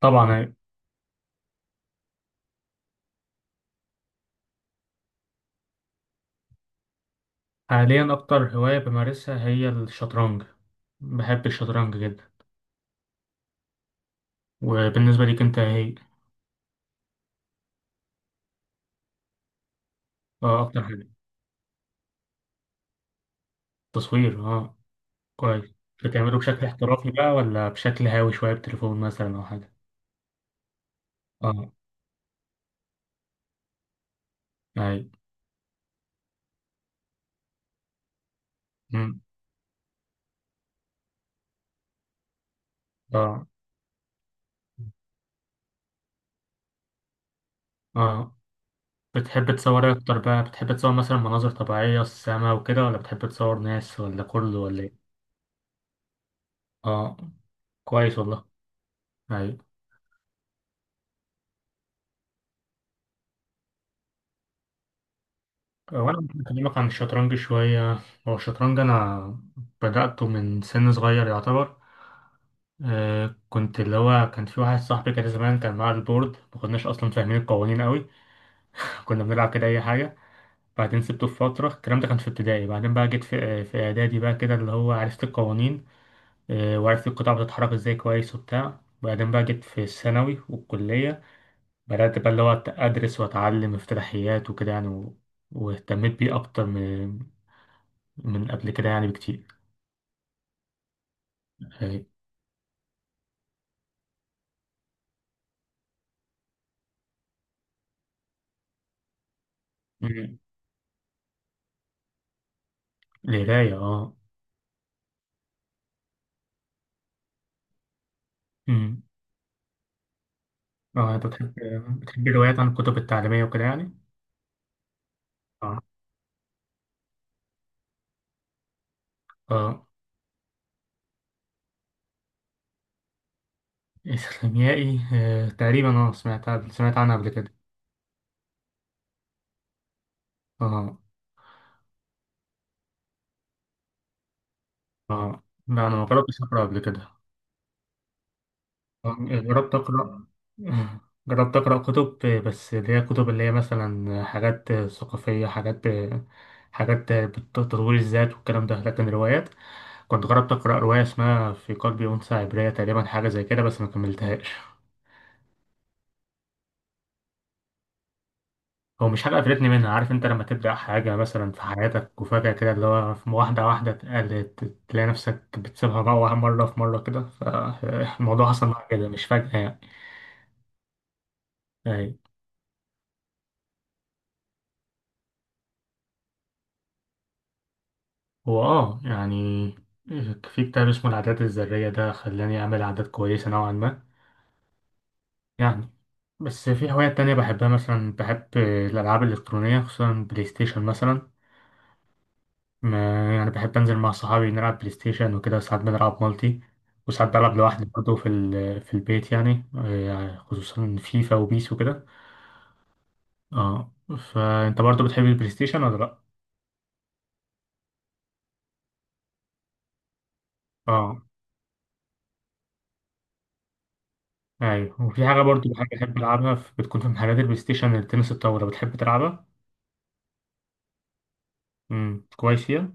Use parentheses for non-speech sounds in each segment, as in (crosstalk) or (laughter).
طبعا. حاليا أكتر هواية بمارسها هي الشطرنج، بحب الشطرنج جدا. وبالنسبة ليك أنت إيه هي؟ اه أكتر حاجة. تصوير اه، كويس. بتعمله بشكل احترافي بقى ولا بشكل هاوي شوية بتليفون مثلا أو حاجة؟ اه، أي. مم. اه اه، بتحب تصور إيه أكتر بقى؟ بتحب تصور مثلا مناظر طبيعية السما وكده، ولا بتحب تصور ناس، ولا كله، ولا إيه؟ اه، كويس والله. أي. وانا ممكن اكلمك عن الشطرنج شويه. هو الشطرنج انا بداته من سن صغير يعتبر. آه، كنت اللي هو كان في واحد صاحبي كده زمان كان معاه البورد، ما كناش اصلا فاهمين القوانين قوي، كنا بنلعب كده اي حاجه. بعدين سبته في فتره، الكلام ده كان في ابتدائي. بعدين بقى جيت في اعدادي بقى كده، اللي هو عرفت القوانين وعرفت القطع بتتحرك ازاي كويس وبتاع. وبعدين بقى جيت في الثانوي والكليه، بدات بقى اللي هو ادرس واتعلم افتتاحيات وكده يعني، و... واهتميت بيه اكتر من قبل كده يعني بكتير. آه، مم. القراية اه. مم. اه انت بتحب الروايات عن الكتب التعليمية وكده يعني؟ اه اه. إسلاميائي آه. تقريبا اه، سمعت عنها قبل كده. اه اه. لا أنا ما جربتش أقرأ قبل كده. جربت أقرأ. آه، جربت أقرأ كتب بس اللي هي كتب اللي هي مثلا حاجات ثقافية، حاجات حاجات بتطور الذات والكلام ده، لكن روايات كنت جربت أقرأ رواية اسمها في قلبي أنثى عبرية تقريبا، حاجة زي كده، بس ما كملتهاش. هو مش حاجة قفلتني منها، عارف أنت لما تبدأ حاجة مثلا في حياتك وفجأة كده اللي هو تلاقي نفسك بتسيبها بقى، مرة في مرة كده، فالموضوع (laughs) حصل معايا كده مش فجأة يعني. أي. هو آه يعني في كتاب اسمه العادات الذرية، ده خلاني أعمل عادات كويسة نوعا ما يعني. بس في هوايات تانية بحبها، مثلا بحب الألعاب الإلكترونية، خصوصا بلاي ستيشن مثلا. ما يعني بحب أنزل مع صحابي نلعب بلاي ستيشن وكده، ساعات بنلعب مالتي وساعات بلعب لوحدي برضه في البيت يعني، خصوصا فيفا وبيس وكده. اه، فأنت برضه بتحب البلاي ستيشن ولا لأ؟ اه أيوه. وفي حاجة برضه بحب، ألعبها بتكون في محلات البلاي ستيشن، التنس الطاولة، بتحب تلعبها؟ امم، كويس فيها؟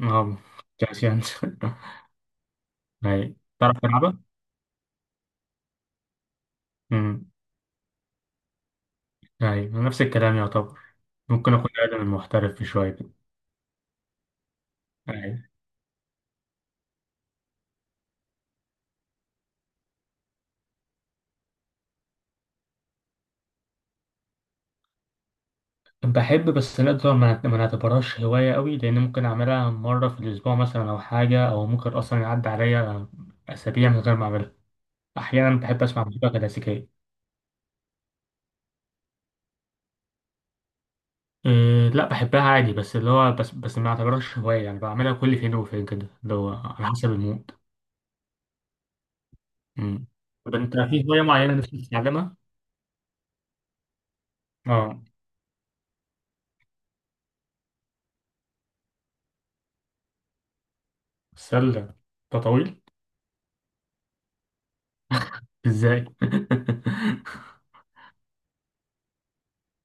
اه، كويس يعني. (laughs) أيوه، تعرف تلعبها؟ امم. أيوه نفس الكلام يعتبر، ممكن أكون أقدم من محترف في شوية كده. أيوه. بحب، بس لا طبعا ما نعتبرهاش هواية قوي، لأن ممكن أعملها مرة في الأسبوع مثلا أو حاجة، أو ممكن أصلا يعدي عليا أسابيع من غير ما أعملها. أحيانا بحب أسمع موسيقى كلاسيكية. أه لا بحبها عادي، بس اللي هو بس ما أعتبرهاش هواية يعني، بعملها كل فين وفين كده اللي هو على حسب المود. أمم. طب أنت في هواية معينة نفسك تتعلمها؟ أه. سلة؟ ده طويل. إزاي؟ (laughs)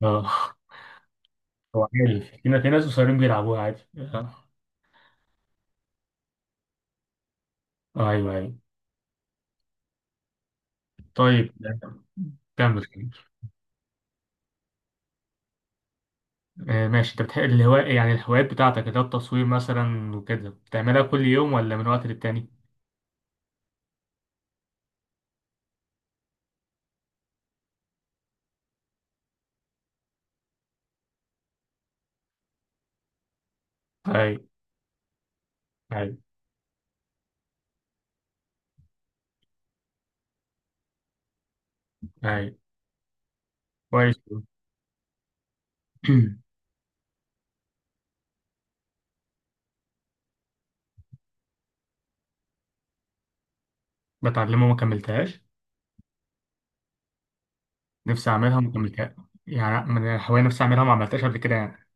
أه، هو عادي في في ناس قصيرين بيلعبوها عادي أه. أيوه أيوه. طيب. كمل كمل. آه، ماشي. انت بتحب الهواء يعني الهوايات بتاعتك اللي هو التصوير مثلا وكده، بتعملها كل يوم ولا من وقت للتاني؟ اي اي اي. كويس. (clears throat) بتعلمها وما كملتهاش؟ نفسي اعملها وما كملتهاش، يعني من الهواية نفسي اعملها وما عملتهاش قبل كده يعني.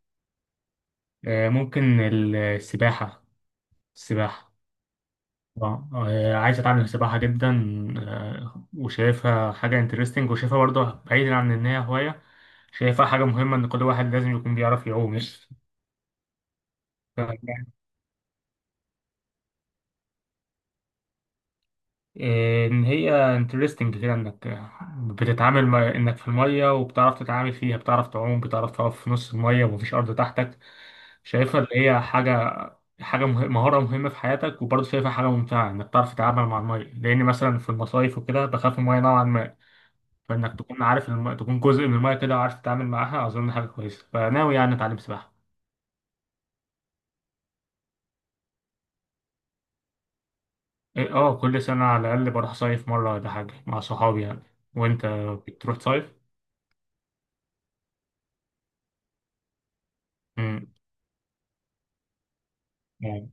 ممكن السباحة. السباحة. اه عايز اتعلم سباحة جدا. وشايفها حاجة انترستنج، وشايفها برضه بعيدا عن ان هي هواية، شايفها حاجة مهمة ان كل واحد لازم يكون بيعرف يعوم. (laughs) ان هي انترستنج كده، انك بتتعامل مع انك في الميه، وبتعرف تتعامل فيها، بتعرف تعوم، بتعرف تقف في نص الميه ومفيش ارض تحتك. شايفها اللي هي حاجه، مهاره مهمه في حياتك، وبرضه شايفها حاجه ممتعه انك تعرف تتعامل مع الميه، لان مثلا في المصايف وكده بخاف من الميه نوعا ما. فانك تكون عارف تكون جزء من الميه كده وعارف تتعامل معاها، اظن حاجه كويسه، فناوي يعني اتعلم سباحه. إيه، اه كل سنه على الاقل بروح صيف مره ولا حاجه مع صحابي يعني. وانت بتروح تصيف؟ مم.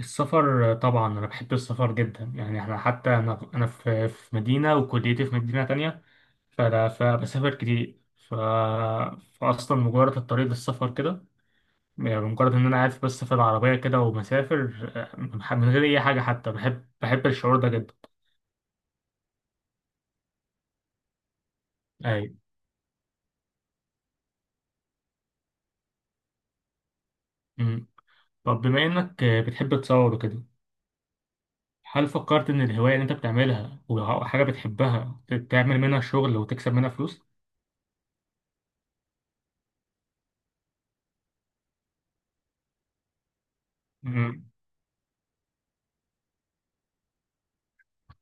السفر طبعا انا بحب السفر جدا يعني، احنا حتى انا في مدينه وكليتي في مدينه تانية، فبسافر كتير، ف... فاصلا مجرد الطريق للسفر كده يعني، مجرد ان انا قاعد بس في العربيه كده ومسافر، من غير اي حاجه، حتى بحب، الشعور ده جدا. اي. أمم. طب بما انك بتحب تصور وكده، هل فكرت ان الهوايه اللي انت بتعملها وحاجه بتحبها تعمل منها شغل وتكسب منها فلوس؟ أمم.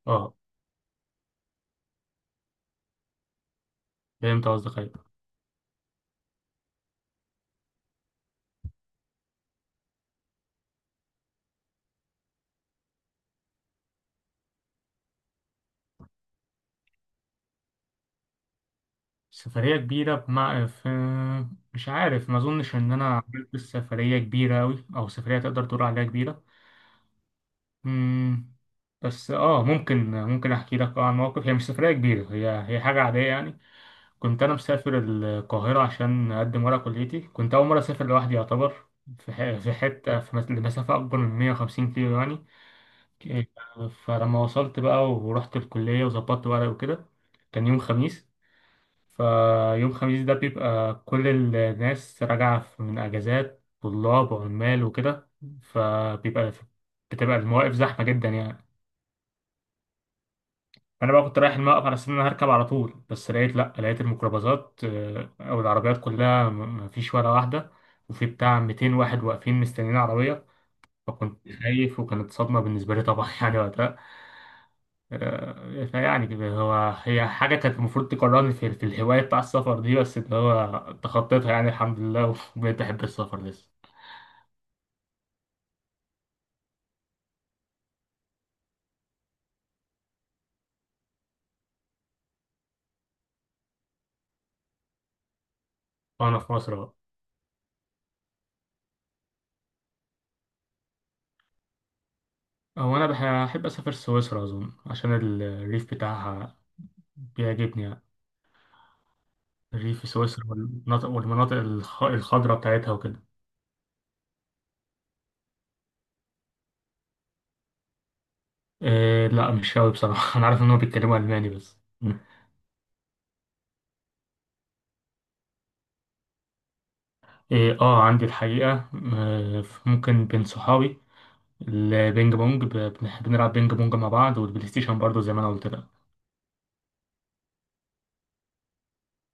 اه فهمت قصدك أيوة. سفرية كبيرة بمع... في مش عارف، ما أظنش إن أنا عملت سفرية كبيرة أوي، أو سفرية تقدر تقول عليها كبيرة. مم. بس آه ممكن، أحكي لك عن موقف، هي مش سفرية كبيرة، هي هي حاجة عادية يعني. كنت أنا مسافر القاهرة عشان أقدم ورق كليتي، كنت أول مرة أسافر لوحدي يعتبر في ح- في حتة في مس- لمسافة أكبر من 150 كيلو يعني. إيه، فلما وصلت بقى ورحت الكلية وظبطت ورق وكده، كان يوم خميس. فيوم خميس ده بيبقى كل الناس من أجازات طلاب وعمال وكده، فبيبقى بتبقى المواقف زحمة جدا يعني. أنا بقى كنت رايح الموقف على أساس إن أنا هركب على طول، بس لقيت لأ، لقيت الميكروباصات أو العربيات كلها مفيش ولا واحدة، وفي بتاع 200 واحد واقفين مستنيين عربية. فكنت خايف وكانت صدمة بالنسبة لي طبعا، (laughs) يعني وقتها، فيعني كده هو هي حاجة كانت المفروض تقررني في الهواية بتاع السفر دي، بس اللي هو تخطيتها يعني الحمد لله وبقيت أحب السفر لسه. وأنا في مصر بقى، هو أنا بحب أسافر سويسرا أظن عشان الريف بتاعها بيعجبني يعني. الريف في سويسرا، والمناطق الخضراء بتاعتها وكده. إيه لا مش أوي بصراحة، (laughs) أنا عارف إنهم بيتكلموا ألماني بس. إيه آه عندي الحقيقة، ممكن بين صحابي البينج بونج، بنلعب بينج بونج مع بعض، والبلاي ستيشن برضه زي ما انا قلت لك.